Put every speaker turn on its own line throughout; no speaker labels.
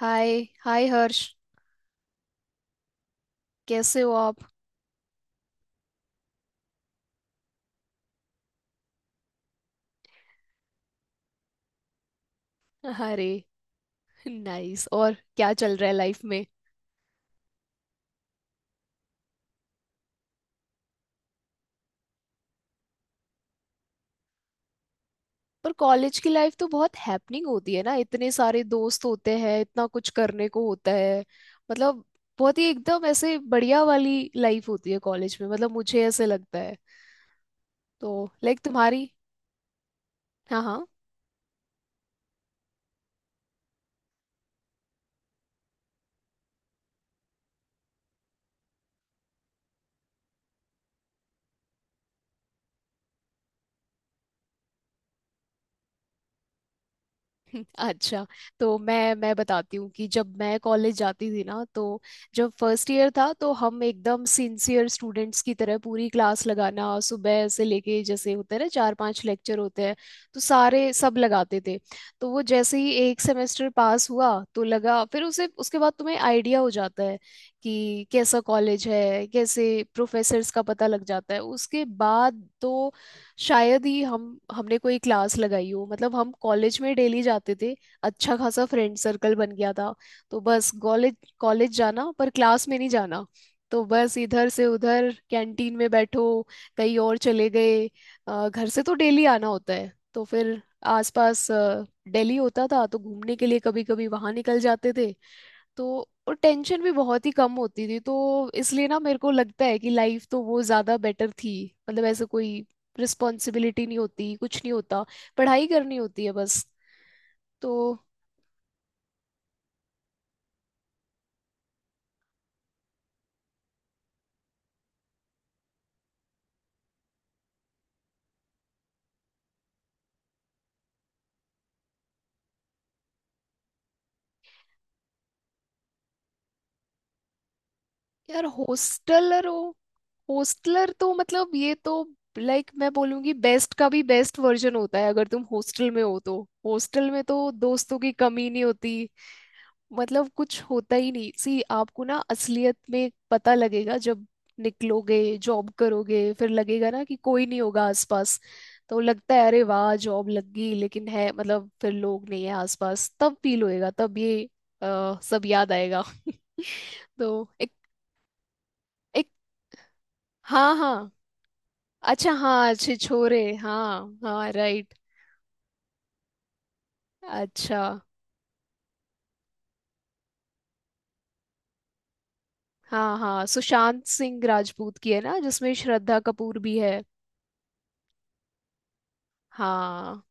हाय। Hi Harsh. कैसे हो आप? अरे नाइस। और क्या चल रहा है लाइफ में? पर कॉलेज की लाइफ तो बहुत हैपनिंग होती है ना, इतने सारे दोस्त होते हैं, इतना कुछ करने को होता है। मतलब बहुत ही एकदम ऐसे बढ़िया वाली लाइफ होती है कॉलेज में, मतलब मुझे ऐसे लगता है। तो लाइक तुम्हारी। हाँ हाँ। अच्छा, तो मैं बताती हूँ कि जब मैं कॉलेज जाती थी ना, तो जब फर्स्ट ईयर था तो हम एकदम सिंसियर स्टूडेंट्स की तरह पूरी क्लास लगाना, सुबह से लेके जैसे होते हैं ना चार पांच लेक्चर होते हैं, तो सारे सब लगाते थे। तो वो जैसे ही एक सेमेस्टर पास हुआ तो लगा फिर उसे उसके बाद तुम्हें आइडिया हो जाता है कि कैसा कॉलेज है, कैसे प्रोफेसर्स, का पता लग जाता है। उसके बाद तो शायद ही हम हमने कोई क्लास लगाई हो। मतलब हम कॉलेज में डेली जाते थे, अच्छा खासा फ्रेंड सर्कल बन गया था। तो बस कॉलेज कॉलेज जाना, पर क्लास में नहीं जाना। तो बस इधर से उधर कैंटीन में बैठो, कहीं और चले गए। घर से तो डेली आना होता है, तो फिर आसपास, दिल्ली होता था तो घूमने के लिए कभी कभी वहां निकल जाते थे। तो और टेंशन भी बहुत ही कम होती थी, तो इसलिए ना मेरे को लगता है कि लाइफ तो वो ज्यादा बेटर थी। मतलब ऐसे कोई रिस्पॉन्सिबिलिटी नहीं होती, कुछ नहीं होता, पढ़ाई करनी होती है बस। तो यार, हॉस्टलर हो? हॉस्टलर तो मतलब ये तो, लाइक मैं बोलूंगी बेस्ट का भी बेस्ट वर्जन होता है अगर तुम हॉस्टल में हो तो। हॉस्टल में तो दोस्तों की कमी नहीं होती। मतलब कुछ होता ही नहीं सी। आपको ना असलियत में पता लगेगा जब निकलोगे, जॉब करोगे, फिर लगेगा ना कि कोई नहीं होगा आसपास। तो लगता है अरे वाह जॉब लग गई, लेकिन है मतलब फिर लोग नहीं है आसपास, तब फील होएगा, तब ये सब याद आएगा। तो एक, एक, हाँ हाँ। अच्छा, हाँ, अच्छे छोरे, हाँ हाँ, राइट। अच्छा, हाँ हाँ, सुशांत सिंह राजपूत की है ना, जिसमें श्रद्धा कपूर भी है। हाँ।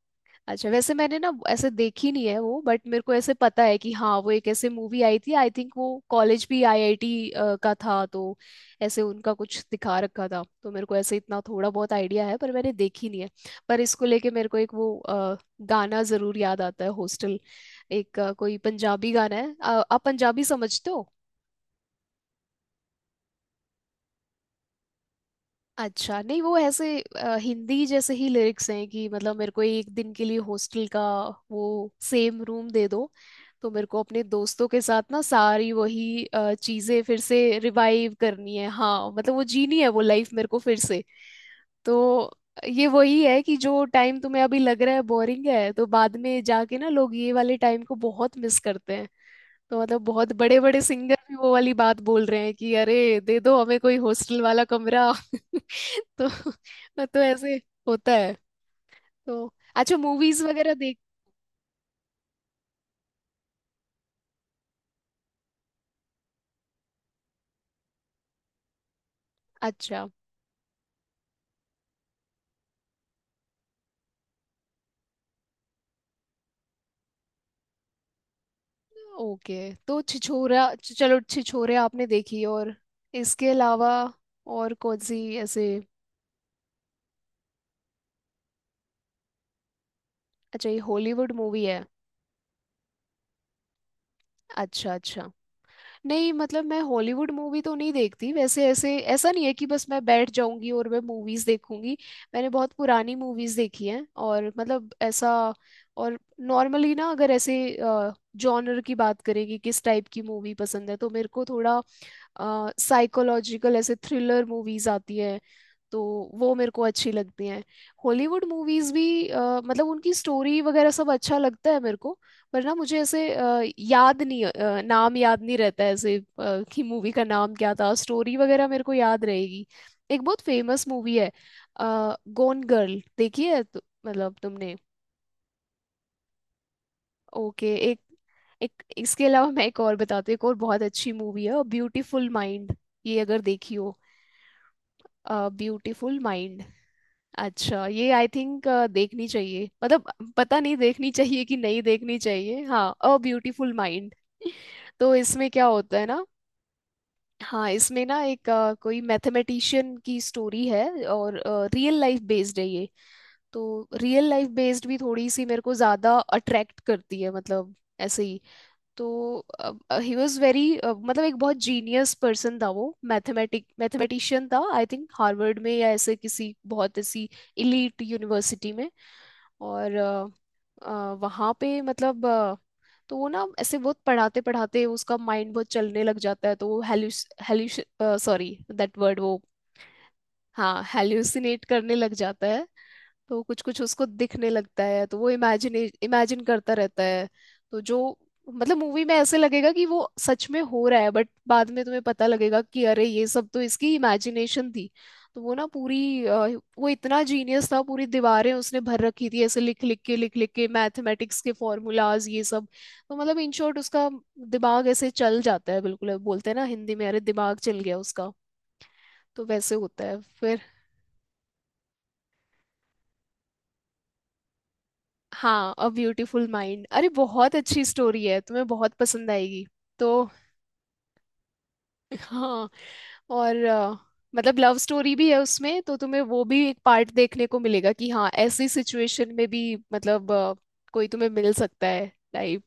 अच्छा, वैसे मैंने ना ऐसे देखी नहीं है वो, बट मेरे को ऐसे पता है कि हाँ वो एक ऐसे मूवी आई थी, आई थिंक वो कॉलेज भी आईआईटी का था, तो ऐसे उनका कुछ दिखा रखा था, तो मेरे को ऐसे इतना थोड़ा बहुत आइडिया है, पर मैंने देखी नहीं है। पर इसको लेके मेरे को एक वो गाना जरूर याद आता है, हॉस्टल, एक कोई पंजाबी गाना है। आप पंजाबी समझते हो? अच्छा, नहीं वो ऐसे हिंदी जैसे ही लिरिक्स हैं कि मतलब मेरे को एक दिन के लिए हॉस्टल का वो सेम रूम दे दो। तो मेरे को अपने दोस्तों के साथ ना सारी वही चीजें फिर से रिवाइव करनी है, हाँ मतलब वो जीनी है वो लाइफ मेरे को फिर से। तो ये वही है कि जो टाइम तुम्हें अभी लग रहा है बोरिंग है, तो बाद में जाके ना लोग ये वाले टाइम को बहुत मिस करते हैं। तो मतलब बहुत बड़े बड़े सिंगर भी वो वाली बात बोल रहे हैं कि अरे दे दो हमें कोई हॉस्टल वाला कमरा। तो ऐसे होता है। तो अच्छा, मूवीज वगैरह देख? अच्छा, ओके। तो छिछोरा, चलो छिछोरे आपने देखी, और इसके अलावा और कौन सी ऐसे? अच्छा ये हॉलीवुड मूवी है? अच्छा अच्छा। नहीं मतलब मैं हॉलीवुड मूवी तो नहीं देखती वैसे, ऐसे ऐसा नहीं है कि बस मैं बैठ जाऊंगी और मैं मूवीज देखूंगी। मैंने बहुत पुरानी मूवीज देखी हैं, और मतलब ऐसा, और नॉर्मली ना अगर ऐसे जॉनर की बात करें कि किस टाइप की मूवी पसंद है, तो मेरे को थोड़ा साइकोलॉजिकल ऐसे थ्रिलर मूवीज आती हैं, तो वो मेरे को अच्छी लगती हैं। हॉलीवुड मूवीज भी मतलब उनकी स्टोरी वगैरह सब अच्छा लगता है मेरे को। पर ना मुझे ऐसे याद नहीं, नाम याद नहीं रहता है ऐसे, कि मूवी का नाम क्या था, स्टोरी वगैरह मेरे को याद रहेगी। एक बहुत फेमस मूवी है, गोन गर्ल, देखी है तो, मतलब तुमने? ओके। एक, एक इसके अलावा मैं एक और बताती हूँ, एक और बहुत अच्छी मूवी है, ब्यूटीफुल माइंड। ये अगर देखी हो, ब्यूटीफुल माइंड। अच्छा, ये आई थिंक देखनी चाहिए, मतलब पता नहीं देखनी चाहिए कि नहीं देखनी चाहिए, हाँ, अ ब्यूटीफुल माइंड। तो इसमें क्या होता है ना, हाँ, इसमें ना एक कोई मैथमेटिशियन की स्टोरी है, और रियल लाइफ बेस्ड है ये। तो रियल लाइफ बेस्ड भी थोड़ी सी मेरे को ज्यादा अट्रैक्ट करती है, मतलब ऐसे ही। तो ही वॉज वेरी, मतलब एक बहुत जीनियस पर्सन था वो। मैथमेटिक मैथमेटिशियन था, आई थिंक हार्वर्ड में या ऐसे किसी बहुत ऐसी इलीट यूनिवर्सिटी में। और, वहाँ पे मतलब, तो वो ना ऐसे बहुत पढ़ाते पढ़ाते उसका माइंड बहुत चलने लग जाता है, तो वो हेल्यूस सॉरी दैट वर्ड वो हाँ हेल्यूसिनेट करने लग जाता है। तो कुछ कुछ उसको दिखने लगता है, तो वो इमेजिन इमेजिन करता रहता है। तो जो, मतलब मूवी में ऐसे लगेगा कि वो सच में हो रहा है, बट बाद में तुम्हें पता लगेगा कि अरे ये सब तो इसकी इमेजिनेशन थी। तो वो ना पूरी, वो इतना जीनियस था, पूरी दीवारें उसने भर रखी थी ऐसे लिख लिख के, लिख लिख के, मैथमेटिक्स के फॉर्मूलाज, ये सब। तो मतलब इन शॉर्ट उसका दिमाग ऐसे चल जाता है, बिल्कुल बोलते हैं ना हिंदी में अरे दिमाग चल गया उसका, तो वैसे होता है फिर। हाँ, अ ब्यूटीफुल माइंड, अरे बहुत अच्छी स्टोरी है, तुम्हें बहुत पसंद आएगी। तो हाँ। और, मतलब लव स्टोरी भी है उसमें, तो तुम्हें वो भी एक पार्ट देखने को मिलेगा कि हाँ ऐसी सिचुएशन में भी मतलब, कोई तुम्हें मिल सकता है टाइप।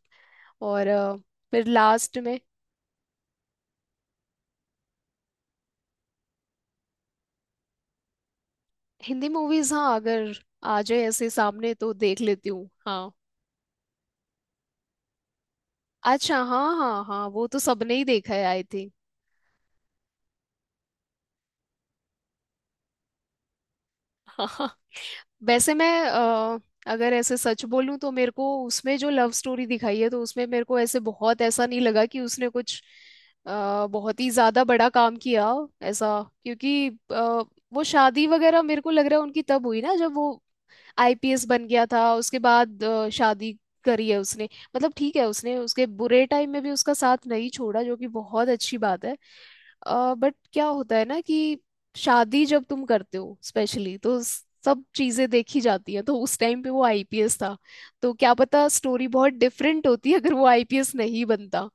और, फिर लास्ट में, हिंदी मूवीज, हाँ, अगर आ जाए ऐसे सामने तो देख लेती हूँ, हाँ। अच्छा, हाँ हाँ हाँ, वो तो सबने ही देखा है आई थिंक। वैसे मैं, अगर ऐसे सच बोलूं, तो मेरे को उसमें जो लव स्टोरी दिखाई है, तो उसमें मेरे को ऐसे बहुत ऐसा नहीं लगा कि उसने कुछ बहुत ही ज्यादा बड़ा काम किया ऐसा, क्योंकि वो शादी वगैरह मेरे को लग रहा है उनकी तब हुई ना जब वो आईपीएस बन गया था, उसके बाद शादी करी है उसने। मतलब ठीक है उसने उसके बुरे टाइम में भी उसका साथ नहीं छोड़ा, जो कि बहुत अच्छी बात है, बट क्या होता है ना कि शादी जब तुम करते हो स्पेशली तो सब चीजें देखी जाती है, तो उस टाइम पे वो आईपीएस था, तो क्या पता स्टोरी बहुत डिफरेंट होती अगर वो आईपीएस नहीं बनता।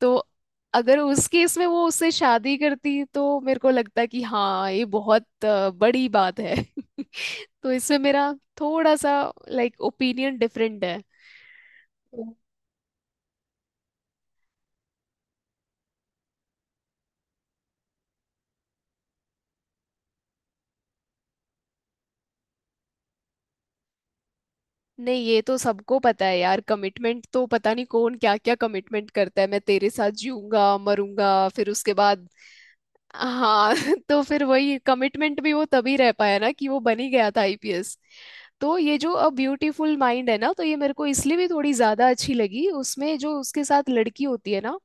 तो अगर उस केस में वो उससे शादी करती, तो मेरे को लगता कि हाँ ये बहुत बड़ी बात है। तो इसमें मेरा थोड़ा सा लाइक ओपिनियन डिफरेंट है। नहीं ये तो सबको पता है यार, कमिटमेंट तो पता नहीं कौन क्या क्या कमिटमेंट करता है, मैं तेरे साथ जीऊंगा मरूंगा फिर उसके बाद, हाँ। तो फिर वही कमिटमेंट भी वो तभी रह पाया ना कि वो बन ही गया था आईपीएस। तो ये जो अ ब्यूटीफुल माइंड है ना, तो ये मेरे को इसलिए भी थोड़ी ज्यादा अच्छी लगी, उसमें जो उसके साथ लड़की होती है ना,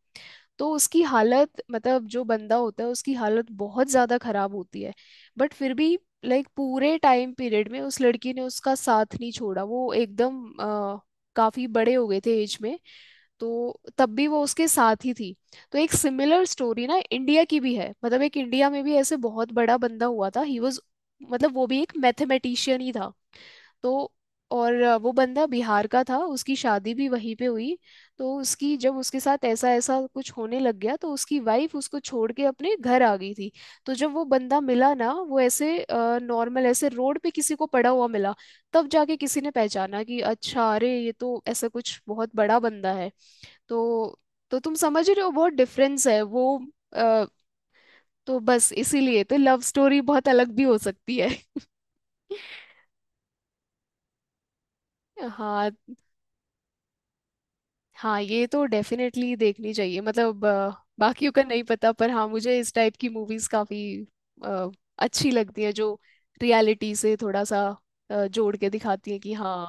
तो उसकी हालत मतलब जो बंदा होता है उसकी हालत बहुत ज़्यादा खराब होती है, बट फिर भी लाइक पूरे टाइम पीरियड में उस लड़की ने उसका साथ नहीं छोड़ा। वो एकदम काफी बड़े हो गए थे एज में, तो तब भी वो उसके साथ ही थी। तो एक सिमिलर स्टोरी ना इंडिया की भी है, मतलब एक इंडिया में भी ऐसे बहुत बड़ा बंदा हुआ था, ही वॉज, मतलब वो भी एक मैथमेटिशियन ही था। तो और वो बंदा बिहार का था, उसकी शादी भी वहीं पे हुई। तो उसकी जब उसके साथ ऐसा ऐसा कुछ होने लग गया, तो उसकी वाइफ उसको छोड़ के अपने घर आ गई थी। तो जब वो बंदा मिला ना, वो ऐसे नॉर्मल ऐसे रोड पे किसी को पड़ा हुआ मिला, तब जाके किसी ने पहचाना कि अच्छा अरे ये तो ऐसा कुछ बहुत बड़ा बंदा है। तो तो तुम समझ रहे हो बहुत डिफरेंस है वो अ, तो बस इसीलिए तो लव स्टोरी बहुत अलग भी हो सकती है। हाँ, हाँ ये तो डेफिनेटली देखनी चाहिए, मतलब, बाकियों का नहीं पता पर हाँ मुझे इस टाइप की मूवीज काफी अ, अच्छी लगती है जो रियलिटी से थोड़ा सा जोड़ के दिखाती है कि हाँ।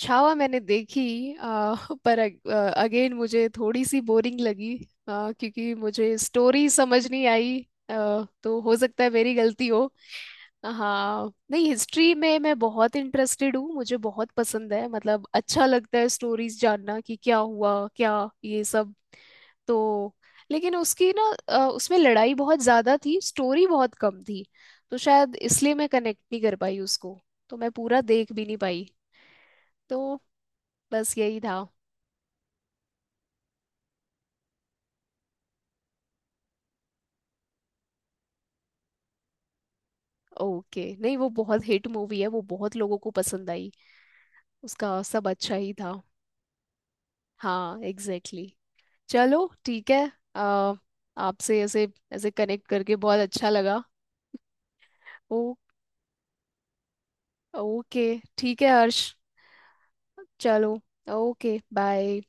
छावा मैंने देखी अ, पर अगेन मुझे थोड़ी सी बोरिंग लगी, क्योंकि मुझे स्टोरी समझ नहीं आई, तो हो सकता है मेरी गलती हो। हाँ नहीं, हिस्ट्री में मैं बहुत इंटरेस्टेड हूँ, मुझे बहुत पसंद है, मतलब अच्छा लगता है स्टोरीज जानना कि क्या हुआ क्या, ये सब। तो लेकिन उसकी ना, उसमें लड़ाई बहुत ज्यादा थी, स्टोरी बहुत कम थी, तो शायद इसलिए मैं कनेक्ट नहीं कर पाई उसको। तो मैं पूरा देख भी नहीं पाई। तो बस यही था। ओके, नहीं वो बहुत हिट मूवी है, वो बहुत लोगों को पसंद आई, उसका सब अच्छा ही था। हाँ एग्जैक्टली, exactly. चलो ठीक है। अ, आपसे ऐसे ऐसे कनेक्ट करके बहुत अच्छा लगा। ओ, ओके, ठीक है हर्ष, चलो, ओके बाय।